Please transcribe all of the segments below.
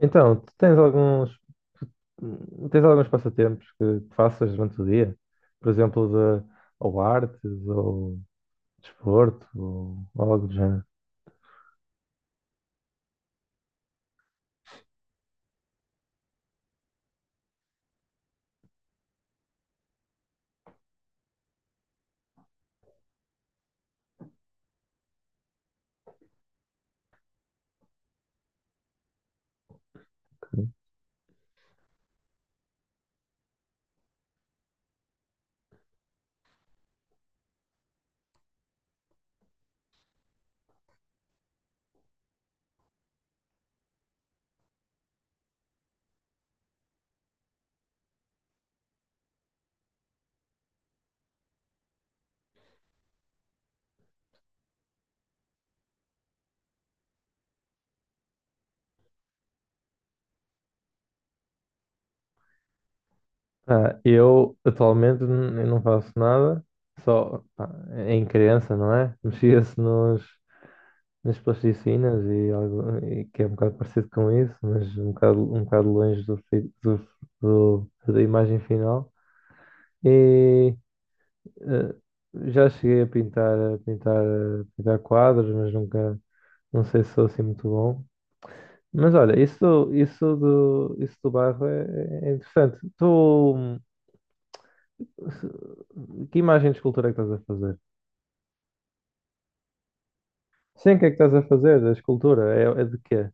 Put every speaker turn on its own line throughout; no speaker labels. Então, tu tens alguns passatempos que faças durante o dia? Por exemplo, de, ou artes, ou desporto, ou algo do género. que- Ah, eu, atualmente, eu não faço nada, só pá, em criança, não é? Mexia-se nas plasticinas e, e que é um bocado parecido com isso, mas um bocado longe do, fi- do, do- da imagem final. Eh, Já cheguei a pintar quadros, mas nunca, não sei se sou assim muito bom. Mas olha, isso do barro é interessante. Tu, hum, que imagem de escultura é que estás a fazer? Sim, o que é que estás a fazer da escultura? É de quê?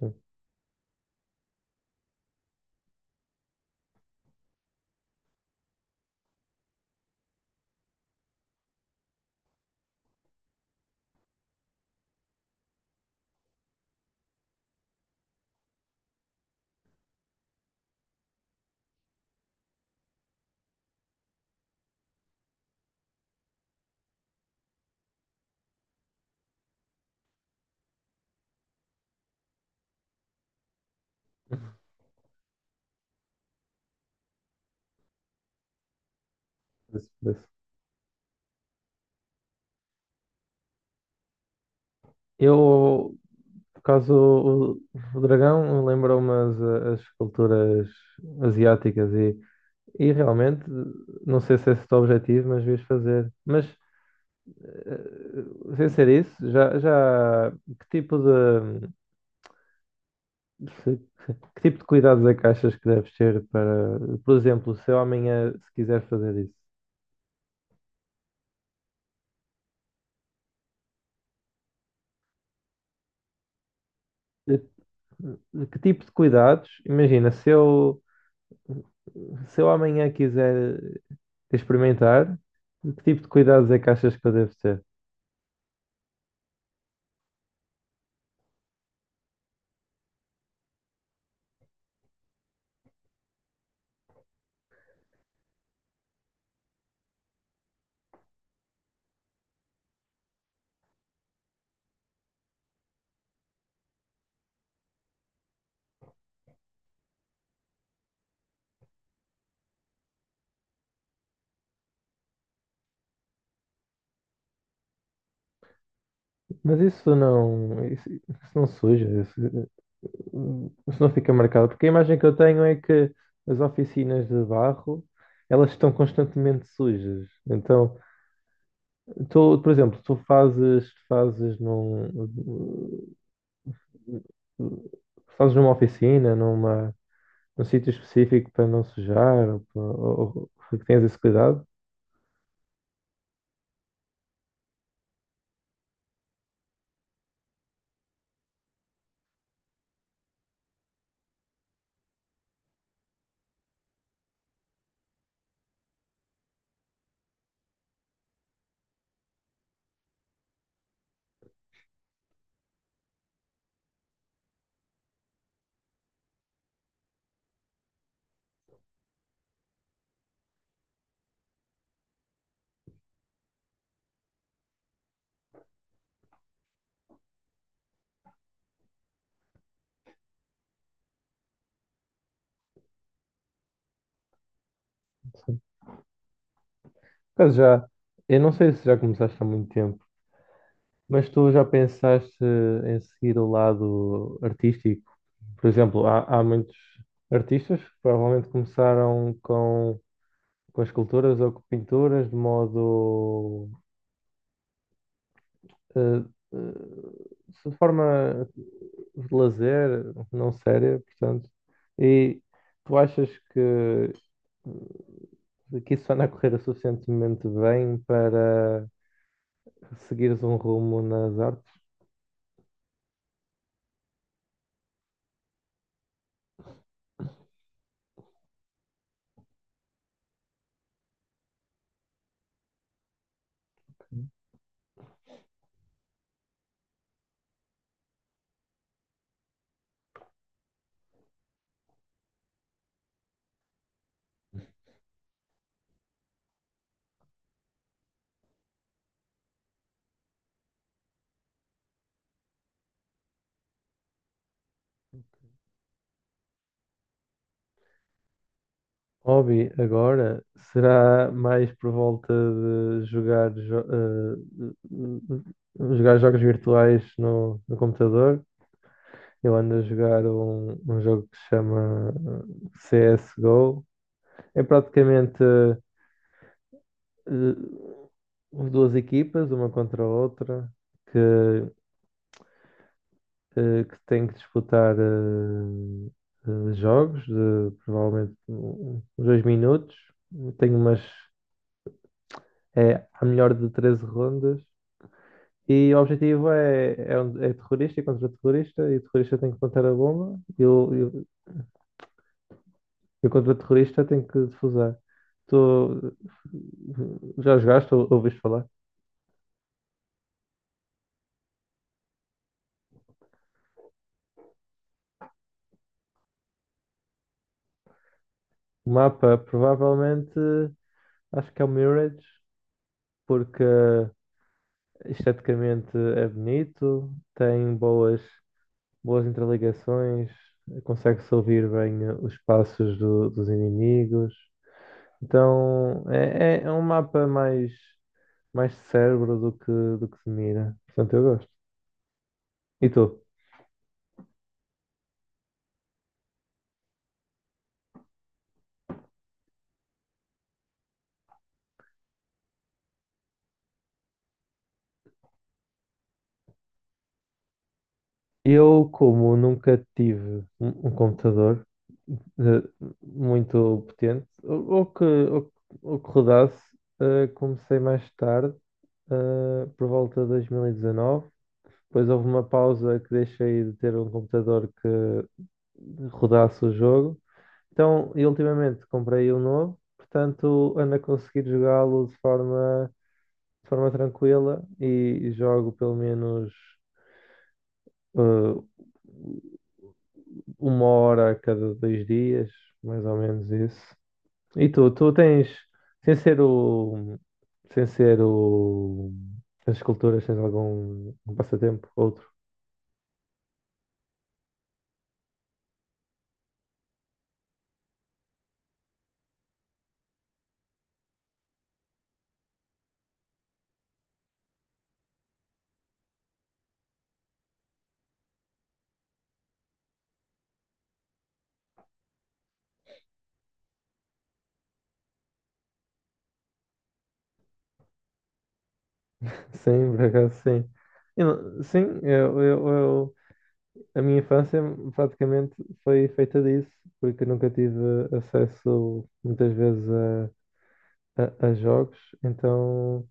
Sim, desse. Eu, por causa do o dragão, lembrou-me as esculturas asiáticas e realmente, não sei se é esse o teu objetivo, mas devias fazer. Sem ser isso, já que tipo de se- que tipo de cuidados é que achas que deves ter para, por exemplo, se eu amanhã se quiser fazer isso, eh, que tipo de cuidados? Imagina, se eu amanhã quiser experimentar, que tipo de cuidados é que achas que eu devo ter? Mas isso não suja, isso não fica marcado, porque a imagem que eu tenho é que as oficinas de barro, elas estão constantemente sujas. Então, tu, por exemplo, tu fazes numa oficina, num sítio específico para não sujar, ou que tens esse cuidado? Sim. Por já, eu não sei se já começaste há muito tempo. Mas tu já pensaste em seguir o lado artístico? Por exemplo, há muitos artistas que provavelmente começaram com esculturas ou com pinturas de modo, eh, eh, de forma de lazer, não séria, portanto. E tu achas que isso anda a correr suficientemente bem para seguires um rumo nas artes? Hobby agora será mais por volta de jogar jogos virtuais no computador. Eu ando a jogar um jogo que se chama eh, CSGO. É praticamente eh, duas equipas, uma contra a outra, que, que tem que disputar jogos de provavelmente uns 2 minutos. Tenho umas. É a melhor de 13 rondas. E o objetivo é terrorista e contra terrorista, e o terrorista tem que plantar a bomba, e o contra terrorista tem que defusar. Tu já jogaste ou ouviste falar? O mapa provavelmente acho que é o Mirage, porque esteticamente é bonito, tem boas interligações, consegue-se ouvir bem os passos dos inimigos. Então é um mapa mais cérebro do que se mira. Portanto, eu gosto. E tu? Eu, como nunca tive um computador eh, muito potente, ou que rodasse, comecei mais tarde, por volta de 2019. Depois houve uma pausa que deixei de ter um computador que rodasse o jogo. Então, e ultimamente comprei um novo, portanto, ando a conseguir jogá-lo de forma tranquila e jogo pelo menos eh, 1 hora a cada 2 dias, mais ou menos isso. E tu tens, sem ser o, sem ser o, as esculturas, tens algum um passatempo, outro? Sim, por acaso sim. Eu não- Sim, a minha infância praticamente foi feita disso, porque eu nunca tive acesso muitas vezes a jogos, então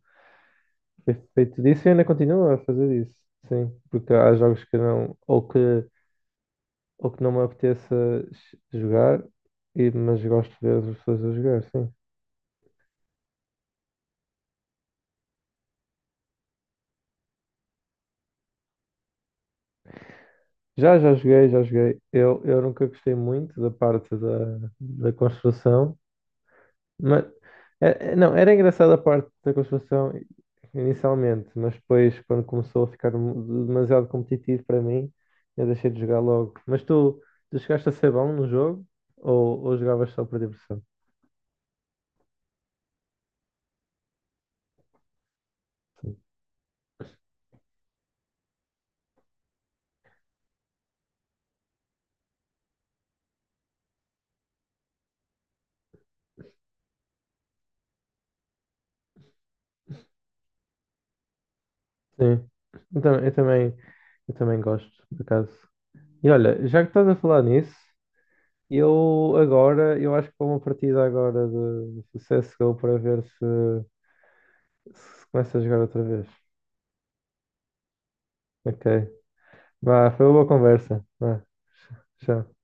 ter feito disso e ainda continuo a fazer isso. Sim, porque há jogos que não, ou que não me apeteça jogar, e, mas gosto de ver as pessoas a jogar, sim. Já, já joguei, já joguei. Eu nunca gostei muito da parte da construção, mas não, era engraçada a parte da construção inicialmente, mas depois quando começou a ficar demasiado competitivo para mim, eu deixei de jogar logo. Mas tu, tu chegaste a ser bom no jogo ou jogavas só por diversão? Sim. Eu tam- eu também, eu também, gosto, por acaso. E olha, já que estás a falar nisso, eu acho que vou uma partida agora de CSGO para ver se começa a jogar outra vez. Ok. Vá, foi uma boa conversa. Vá, tchau.